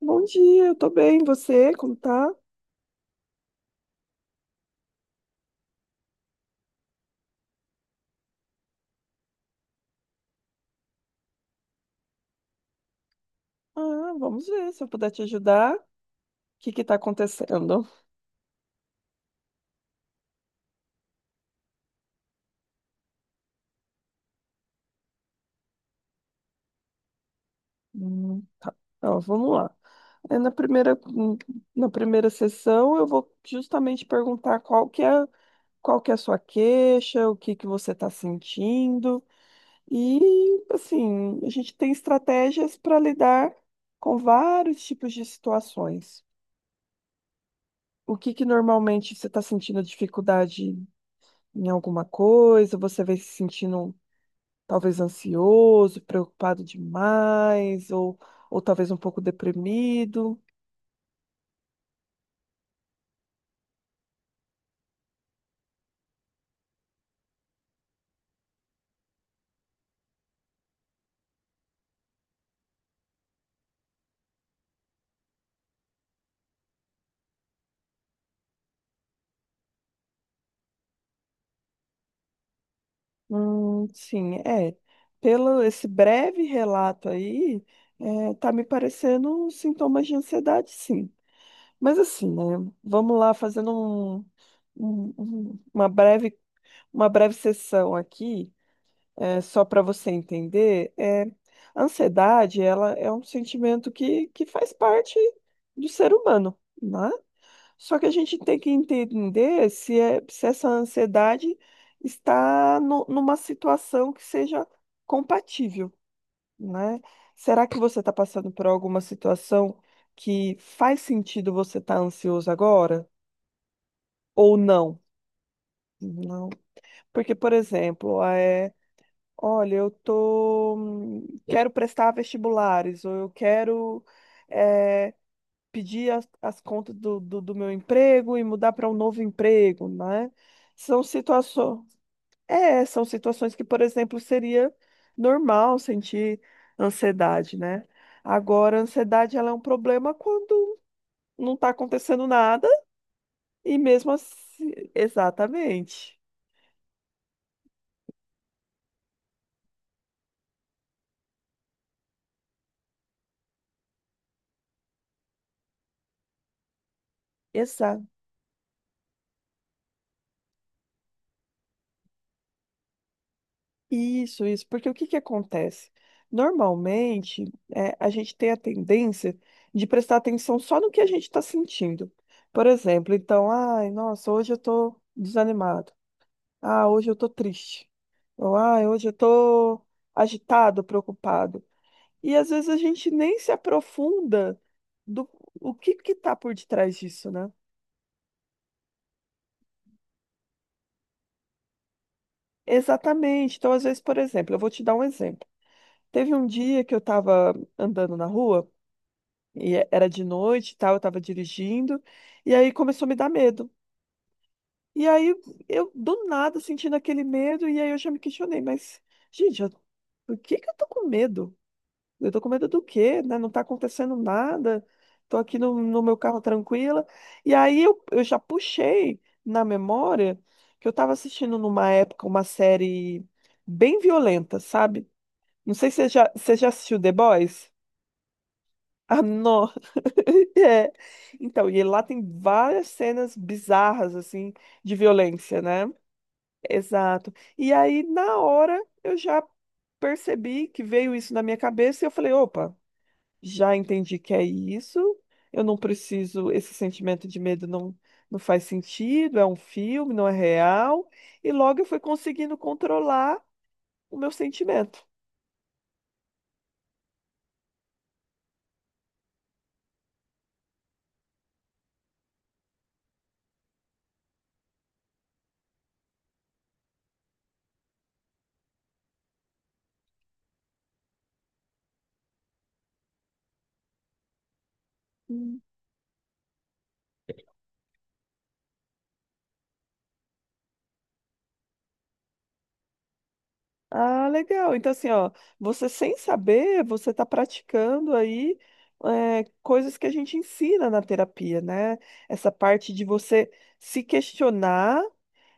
Bom dia, eu tô bem. Você, como tá? Ah, vamos ver se eu puder te ajudar. O que que tá acontecendo? Hum. Então, vamos lá. É, na primeira, hum, na primeira sessão, eu vou justamente perguntar qual que é a sua queixa, o que que você está sentindo. E, assim, a gente tem estratégias para lidar com vários tipos de situações. O que que normalmente você está sentindo dificuldade em alguma coisa? Você vem se sentindo talvez ansioso, preocupado demais, ou talvez um pouco deprimido. Sim, é. Pelo esse breve relato aí, tá me parecendo sintomas de ansiedade, sim. Mas assim, né? Vamos lá fazendo um- um- uma breve, uma breve sessão aqui, só para você entender. A ansiedade, ela é um sentimento que faz parte do ser humano, né? Só que a gente tem que entender se essa ansiedade está numa situação que seja compatível, né? Será que você está passando por alguma situação que faz sentido você estar ansioso agora ou não? Não. Porque, por exemplo, olha, eu tô, quero prestar vestibulares ou eu quero eh, pedir as contas do meu emprego e mudar para um novo emprego, né? São situações, são situações que, por exemplo, seria normal sentir ansiedade, né? Agora, a ansiedade ela é um problema quando não está acontecendo nada e mesmo assim, exatamente. Isso, porque o que que acontece? Normalmente, a gente tem a tendência de prestar atenção só no que a gente está sentindo. Por exemplo, então, ai, nossa, hoje eu tô desanimado. Ah, hoje eu tô triste. Ou, ai, hoje eu tô agitado, preocupado. E às vezes a gente nem se aprofunda do o que que tá por detrás disso, né? Exatamente. Então, às vezes, por exemplo, eu vou te dar um exemplo. Teve um dia que eu estava andando na rua. E era de noite e tal, eu tava dirigindo. E aí começou a me dar medo. E aí eu, do nada, sentindo aquele medo, e aí eu já me questionei, mas, gente, por que que eu tô com medo? Eu tô com medo do quê, né? Não tá acontecendo nada. Tô aqui no meu carro tranquila. E aí eu já puxei na memória que eu tava assistindo numa época uma série bem violenta, sabe? Não sei se você já assistiu The Boys. Ah, não. É. Então, e lá tem várias cenas bizarras, assim, de violência, né? Exato. E aí, na hora, eu já percebi que veio isso na minha cabeça e eu falei: opa, já entendi que é isso, eu não preciso, esse sentimento de medo não, não faz sentido, é um filme, não é real. E logo eu fui conseguindo controlar o meu sentimento. Ah, legal. Então, assim, ó, você sem saber, você está praticando aí coisas que a gente ensina na terapia, né? Essa parte de você se questionar,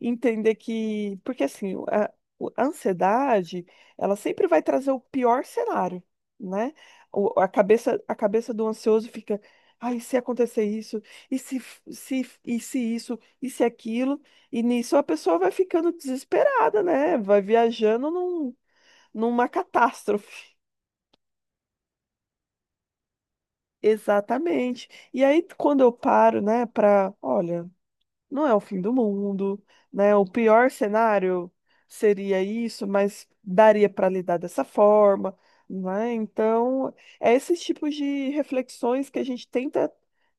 entender que. Porque, assim, a ansiedade, ela sempre vai trazer o pior cenário, né? A cabeça do ansioso fica. Ai, e se acontecer isso, e se isso, e se aquilo. E nisso a pessoa vai ficando desesperada, né? Vai viajando numa catástrofe. Exatamente. E aí, quando eu paro, né, para, olha, não é o fim do mundo, né? O pior cenário seria isso, mas daria para lidar dessa forma, né? Então, é esses tipos de reflexões que a gente tenta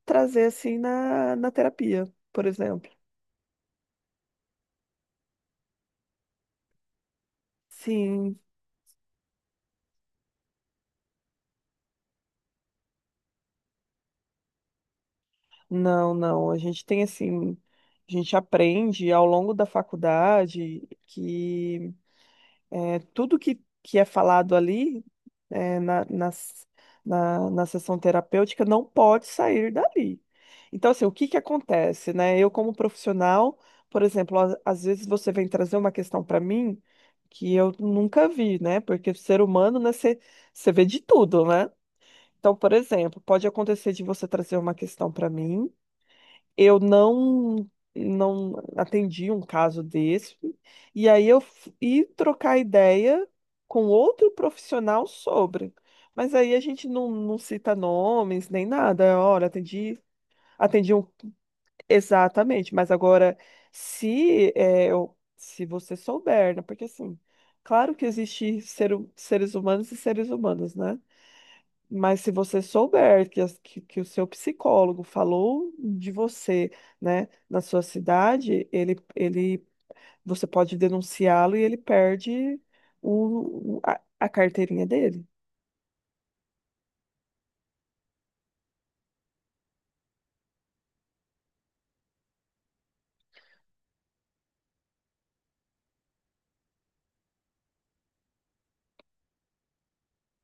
trazer assim na terapia, por exemplo. Sim. Não, não. A gente tem assim, a gente aprende ao longo da faculdade que tudo que é falado ali é, na, nas- na sessão terapêutica não pode sair dali. Então, assim, o que que acontece, né? Eu, como profissional, por exemplo, às vezes você vem trazer uma questão para mim que eu nunca vi, né? Porque ser humano, né, você vê de tudo, né? Então, por exemplo, pode acontecer de você trazer uma questão para mim eu não atendi um caso desse. E aí eu fui trocar ideia com outro profissional sobre. Mas aí a gente não cita nomes nem nada. Olha, atendi um exatamente, mas agora se é, eu- se você souber, né? Porque assim, claro que existe seres humanos e seres humanos, né? Mas se você souber que o seu psicólogo falou de você, né, na sua cidade, você pode denunciá-lo e ele perde a carteirinha dele.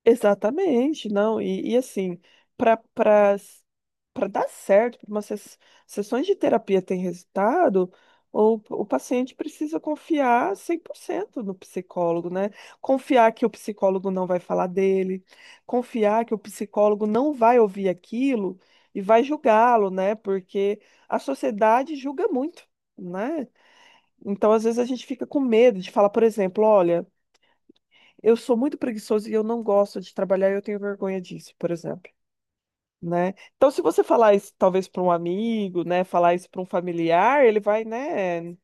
Exatamente, não. E assim, para para para dar certo, para umas sessões de terapia ter resultado, o paciente precisa confiar 100% no psicólogo, né? Confiar que o psicólogo não vai falar dele, confiar que o psicólogo não vai ouvir aquilo e vai julgá-lo, né? Porque a sociedade julga muito, né? Então, às vezes, a gente fica com medo de falar, por exemplo, olha. Eu sou muito preguiçoso e eu não gosto de trabalhar e eu tenho vergonha disso, por exemplo, né? Então, se você falar isso talvez para um amigo, né, falar isso para um familiar, ele vai, né,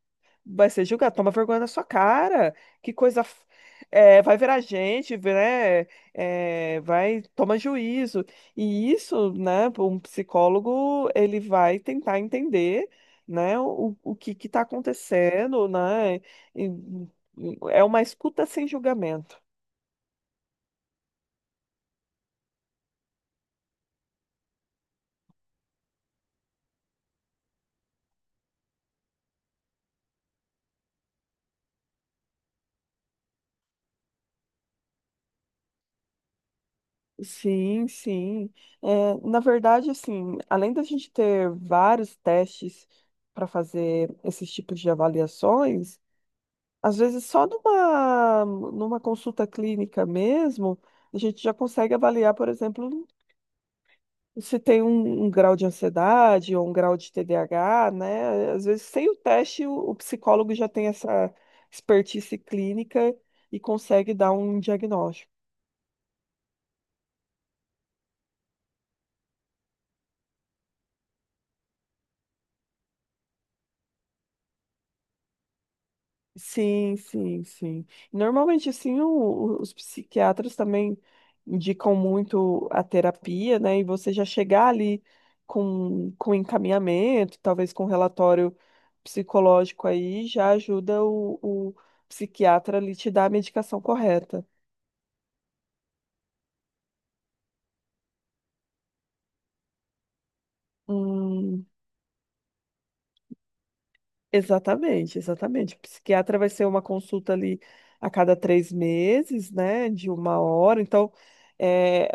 vai ser julgado, toma vergonha na sua cara, que coisa, vai virar gente, né, vai, toma juízo. E isso, né, um psicólogo, ele vai tentar entender, né, o que que está acontecendo, né, e- é uma escuta sem julgamento. Sim, sim. É, na verdade, assim, além da gente ter vários testes para fazer esses tipos de avaliações, às vezes só numa consulta clínica mesmo, a gente já consegue avaliar, por exemplo, se tem um grau de ansiedade ou um grau de TDAH, né? Às vezes, sem o teste, o psicólogo já tem essa expertise clínica e consegue dar um diagnóstico. Sim, sim, sim. Normalmente, assim, os psiquiatras também indicam muito a terapia, né? E você já chegar ali com encaminhamento, talvez com relatório psicológico aí, já ajuda o psiquiatra ali te dar a medicação correta. Hum, Exatamente, exatamente. O psiquiatra vai ser uma consulta ali a cada 3 meses, né, de uma hora. Então, é,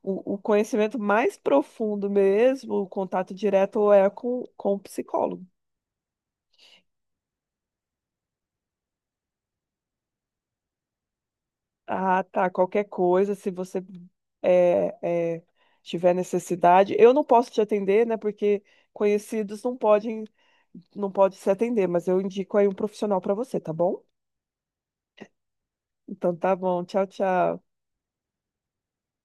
o conhecimento mais profundo mesmo, o contato direto é com o psicólogo. Ah, tá. Qualquer coisa, se você é, é, tiver necessidade, eu não posso te atender, né, porque conhecidos não podem, não pode se atender, mas eu indico aí um profissional para você, tá bom? Então, tá bom. Tchau, tchau.